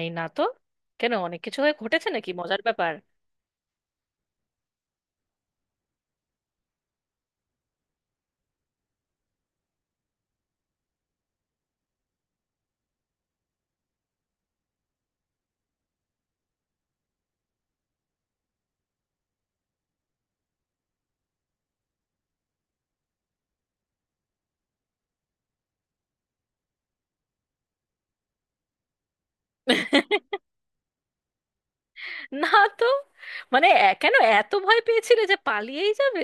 এই না তো। কেন, অনেক কিছু হয়ে ঘটেছে নাকি? মজার ব্যাপার। না। তো মানে কেন এত ভয় পেয়েছিলে যে পালিয়েই যাবে?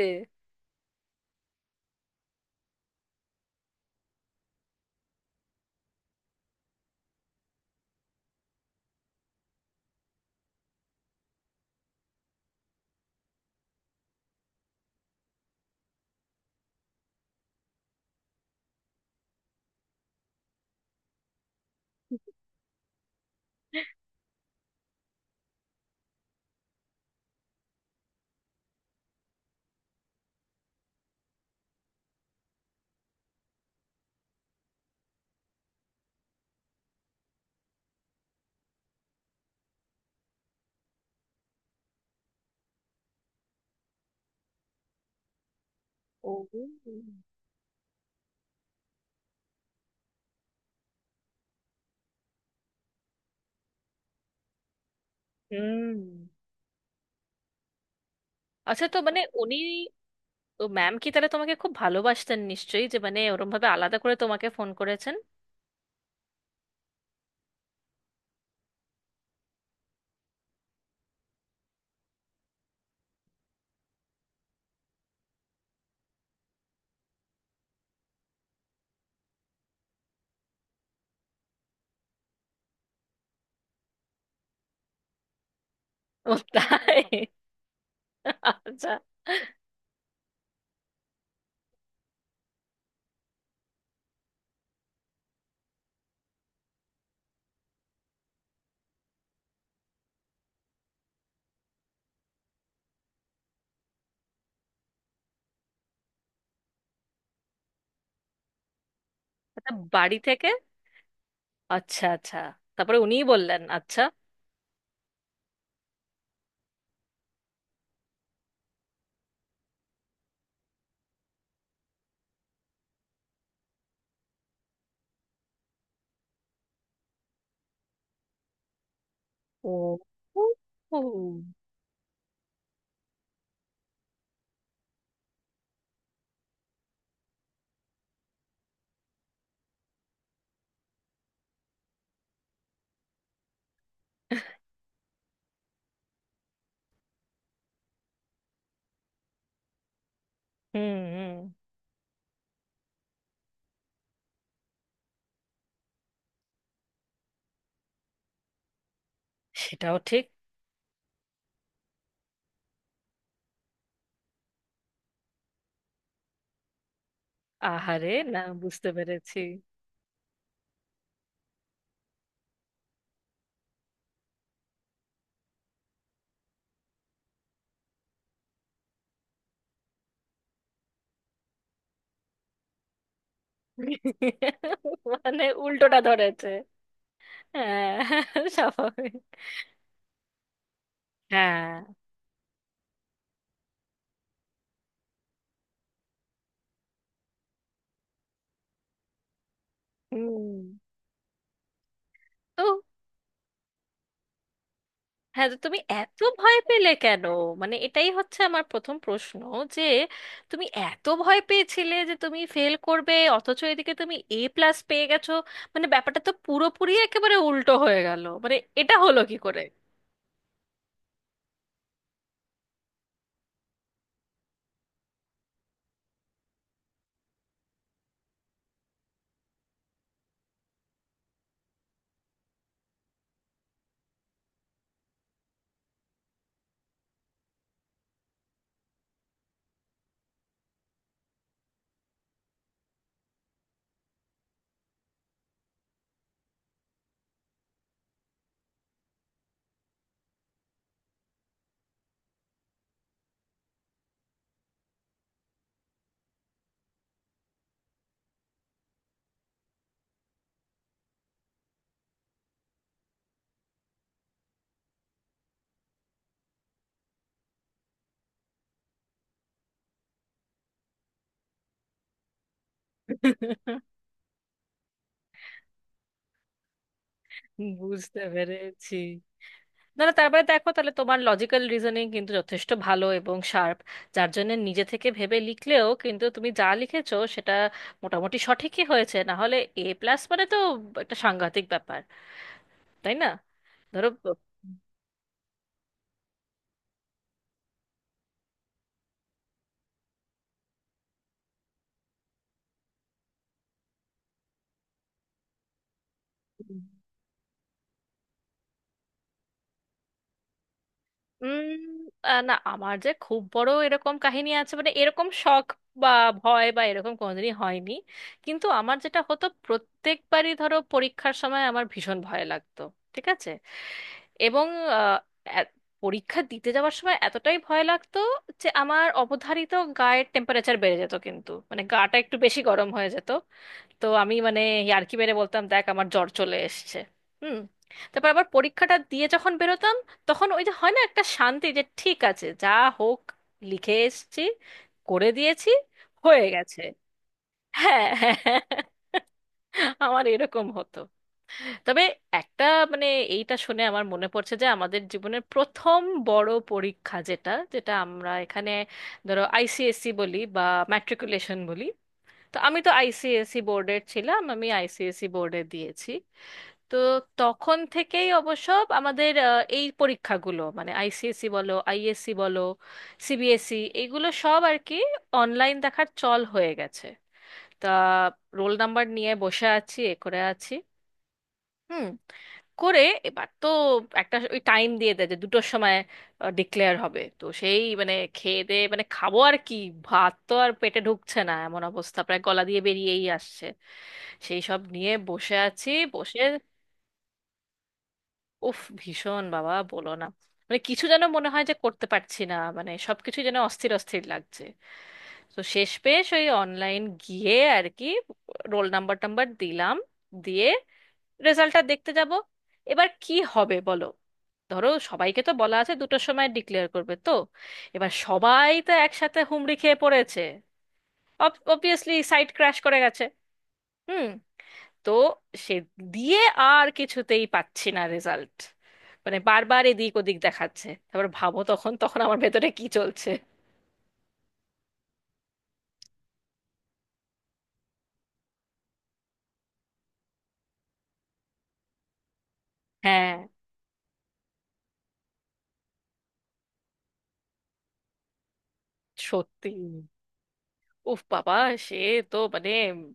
ও। হুম। আচ্ছা, তো মানে উনি... তো ম্যাম কি তাহলে তোমাকে খুব ভালোবাসতেন নিশ্চয়ই, যে মানে ওরম ভাবে আলাদা করে তোমাকে ফোন করেছেন? ও তাই? আচ্ছা আচ্ছা। বাড়ি থেকে? আচ্ছা আচ্ছা। তারপরে উনিই বললেন আচ্ছা? ও। ও, হুম। হুম। সেটাও ঠিক। আহারে। না, বুঝতে পেরেছি। মানে উল্টোটা ধরেছে। হ্যাঁ, স্বাভাবিক। হ্যাঁ। হুম। তো, হ্যাঁ, তো তুমি এত ভয় পেলে কেন? মানে এটাই হচ্ছে আমার প্রথম প্রশ্ন, যে তুমি এত ভয় পেয়েছিলে যে তুমি ফেল করবে, অথচ এদিকে তুমি এ প্লাস পেয়ে গেছো। মানে ব্যাপারটা তো পুরোপুরি একেবারে উল্টো হয়ে গেল, মানে এটা হলো কি করে? বুঝতে পেরেছি। না না, তারপরে দেখো, তাহলে তোমার লজিক্যাল রিজনিং কিন্তু যথেষ্ট ভালো এবং শার্প, যার জন্য নিজে থেকে ভেবে লিখলেও কিন্তু তুমি যা লিখেছো সেটা মোটামুটি সঠিকই হয়েছে। না হলে এ প্লাস মানে তো একটা সাংঘাতিক ব্যাপার, তাই না? ধরো, উম না, আমার যে খুব বড় এরকম কাহিনী আছে, মানে এরকম শখ বা ভয় বা এরকম কোনোদিনই হয়নি। কিন্তু আমার যেটা হতো, প্রত্যেকবারই ধরো পরীক্ষার সময় আমার ভীষণ ভয় লাগতো। ঠিক আছে। এবং আহ, এ- পরীক্ষা দিতে যাওয়ার সময় এতটাই ভয় লাগতো, যে আমার অবধারিত গায়ের টেম্পারেচার বেড়ে যেত, কিন্তু মানে গাটা একটু বেশি গরম হয়ে যেত। তো আমি মানে ইয়ার্কি মেরে বলতাম, দেখ আমার জ্বর চলে এসছে। হুম। তারপর আবার পরীক্ষাটা দিয়ে যখন বেরোতাম, তখন ওই যে হয় না একটা শান্তি, যে ঠিক আছে, যা হোক, লিখে এসেছি, করে দিয়েছি, হয়ে গেছে। হ্যাঁ হ্যাঁ হ্যাঁ। আমার এরকম হতো। তবে একটা মানে এইটা শুনে আমার মনে পড়ছে, যে আমাদের জীবনের প্রথম বড় পরীক্ষা, যেটা যেটা আমরা এখানে ধরো আইসিএসসি বলি বা ম্যাট্রিকুলেশন বলি। তো আমি তো আইসিএসসি বোর্ডের ছিলাম, আমি আইসিএসসি বোর্ডে দিয়েছি। তো তখন থেকেই অবশ্য আমাদের এই পরীক্ষাগুলো, মানে আইসিএসসি বলো, আইএসসি বলো, সিবিএসসি, এগুলো সব আর কি অনলাইন দেখার চল হয়ে গেছে। তা রোল নাম্বার নিয়ে বসে আছি, এ করে আছি। হুম। করে, এবার তো একটা ওই টাইম দিয়ে দেয় যে দুটোর সময় ডিক্লেয়ার হবে। তো সেই মানে খেয়ে দিয়ে, মানে খাবো আর কি, ভাত তো আর পেটে ঢুকছে না, এমন অবস্থা, প্রায় গলা দিয়ে বেরিয়েই আসছে। সেই সব নিয়ে বসে আছি বসে। উফ, ভীষণ বাবা, বলো না। মানে কিছু যেন মনে হয় যে করতে পারছি না, মানে সবকিছু যেন অস্থির অস্থির লাগছে। তো শেষ পেশ ওই অনলাইন গিয়ে আর কি রোল নাম্বার টাম্বার দিলাম, দিয়ে রেজাল্টটা দেখতে যাব। এবার কি হবে বলো? ধরো সবাইকে তো বলা আছে দুটোর সময় ডিক্লেয়ার করবে। তো এবার সবাই তো একসাথে হুমড়ি খেয়ে পড়েছে, অবভিয়াসলি সাইট ক্র্যাশ করে গেছে। হুম। তো সে দিয়ে আর কিছুতেই পাচ্ছি না রেজাল্ট। মানে বারবার এদিক ওদিক দেখাচ্ছে। তারপর ভাবো, তখন তখন আমার ভেতরে কি চলছে। হ্যাঁ। সত্যি। উফ বাবা। সে তো মানে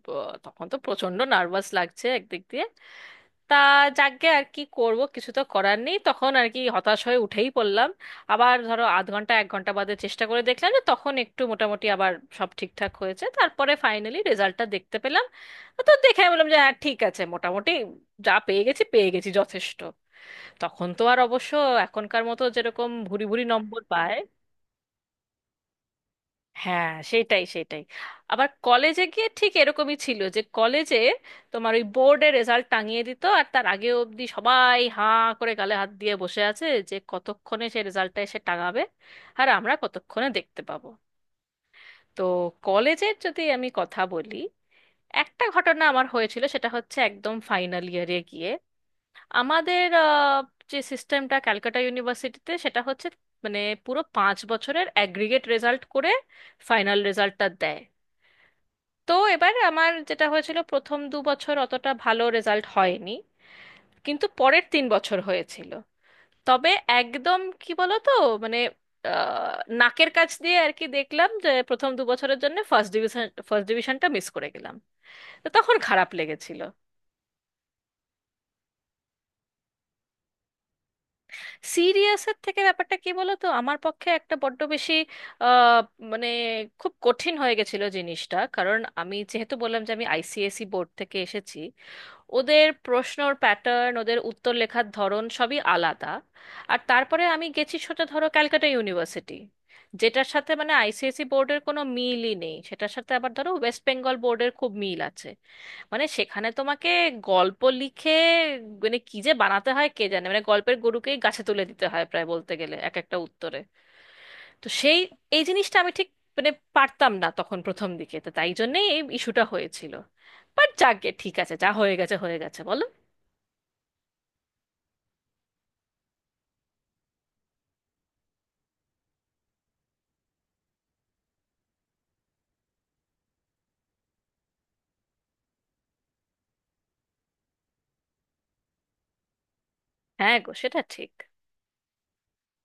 ব- তখন তো প্রচন্ড নার্ভাস লাগছে একদিক দিয়ে। তা যাকগে, আর কি করব, কিছু তো করার নেই, তখন আর কি হতাশ হয়ে উঠেই পড়লাম। আবার ধরো আধ ঘন্টা এক ঘন্টা বাদে চেষ্টা করে দেখলাম, যে তখন একটু মোটামুটি আবার সব ঠিকঠাক হয়েছে। তারপরে ফাইনালি রেজাল্টটা দেখতে পেলাম। তো দেখে আমি বললাম যে হ্যাঁ ঠিক আছে, মোটামুটি যা পেয়ে গেছি পেয়ে গেছি, যথেষ্ট। তখন তো আর অবশ্য এখনকার মতো যেরকম ভুরি ভুরি নম্বর পায়। হ্যাঁ, সেটাই সেটাই। আবার কলেজে গিয়ে ঠিক এরকমই ছিল, যে কলেজে তোমার ওই বোর্ডে রেজাল্ট টাঙিয়ে দিত, আর তার আগে অবধি সবাই হাঁ করে গালে হাত দিয়ে বসে আছে, যে কতক্ষণে সে রেজাল্টটা এসে টাঙাবে, আর আমরা কতক্ষণে দেখতে পাবো। তো কলেজের যদি আমি কথা বলি, একটা ঘটনা আমার হয়েছিল, সেটা হচ্ছে একদম ফাইনাল ইয়ারে গিয়ে আমাদের যে সিস্টেমটা ক্যালকাটা ইউনিভার্সিটিতে, সেটা হচ্ছে মানে পুরো 5 বছরের অ্যাগ্রিগেট রেজাল্ট করে ফাইনাল রেজাল্টটা দেয়। তো এবার আমার যেটা হয়েছিল, প্রথম 2 বছর অতটা ভালো রেজাল্ট হয়নি, কিন্তু পরের 3 বছর হয়েছিল। তবে একদম কি বলো তো, মানে আহ, নাকের কাছ দিয়ে আর কি দেখলাম, যে প্রথম 2 বছরের জন্য ফার্স্ট ডিভিশন, ফার্স্ট ডিভিশনটা মিস করে গেলাম। তো তখন খারাপ লেগেছিল। সিরিয়াসের থেকে ব্যাপারটা কি বলো তো, আমার পক্ষে একটা বড্ড বেশি আহ, মানে খুব কঠিন হয়ে গেছিল জিনিসটা, কারণ আমি যেহেতু বললাম যে আমি আইসিএসই বোর্ড থেকে এসেছি, ওদের প্রশ্নর প্যাটার্ন, ওদের উত্তর লেখার ধরন সবই আলাদা। আর তারপরে আমি গেছি সোজা ধরো ক্যালকাটা ইউনিভার্সিটি, যেটার সাথে মানে আইসিএসই বোর্ডের কোনো মিলই নেই, সেটার সাথে আবার ধরো ওয়েস্ট বেঙ্গল বোর্ডের খুব মিল আছে। মানে সেখানে তোমাকে গল্প লিখে, মানে কি যে বানাতে হয় কে জানে, মানে গল্পের গরুকেই গাছে তুলে দিতে হয় প্রায় বলতে গেলে এক একটা উত্তরে। তো সেই এই জিনিসটা আমি ঠিক মানে পারতাম না তখন প্রথম দিকে, তো তাই জন্যেই এই ইস্যুটা হয়েছিল। বাট যাকগে, ঠিক আছে, যা হয়ে গেছে হয়ে গেছে, বলো। হ্যাঁ গো, সেটা ঠিক।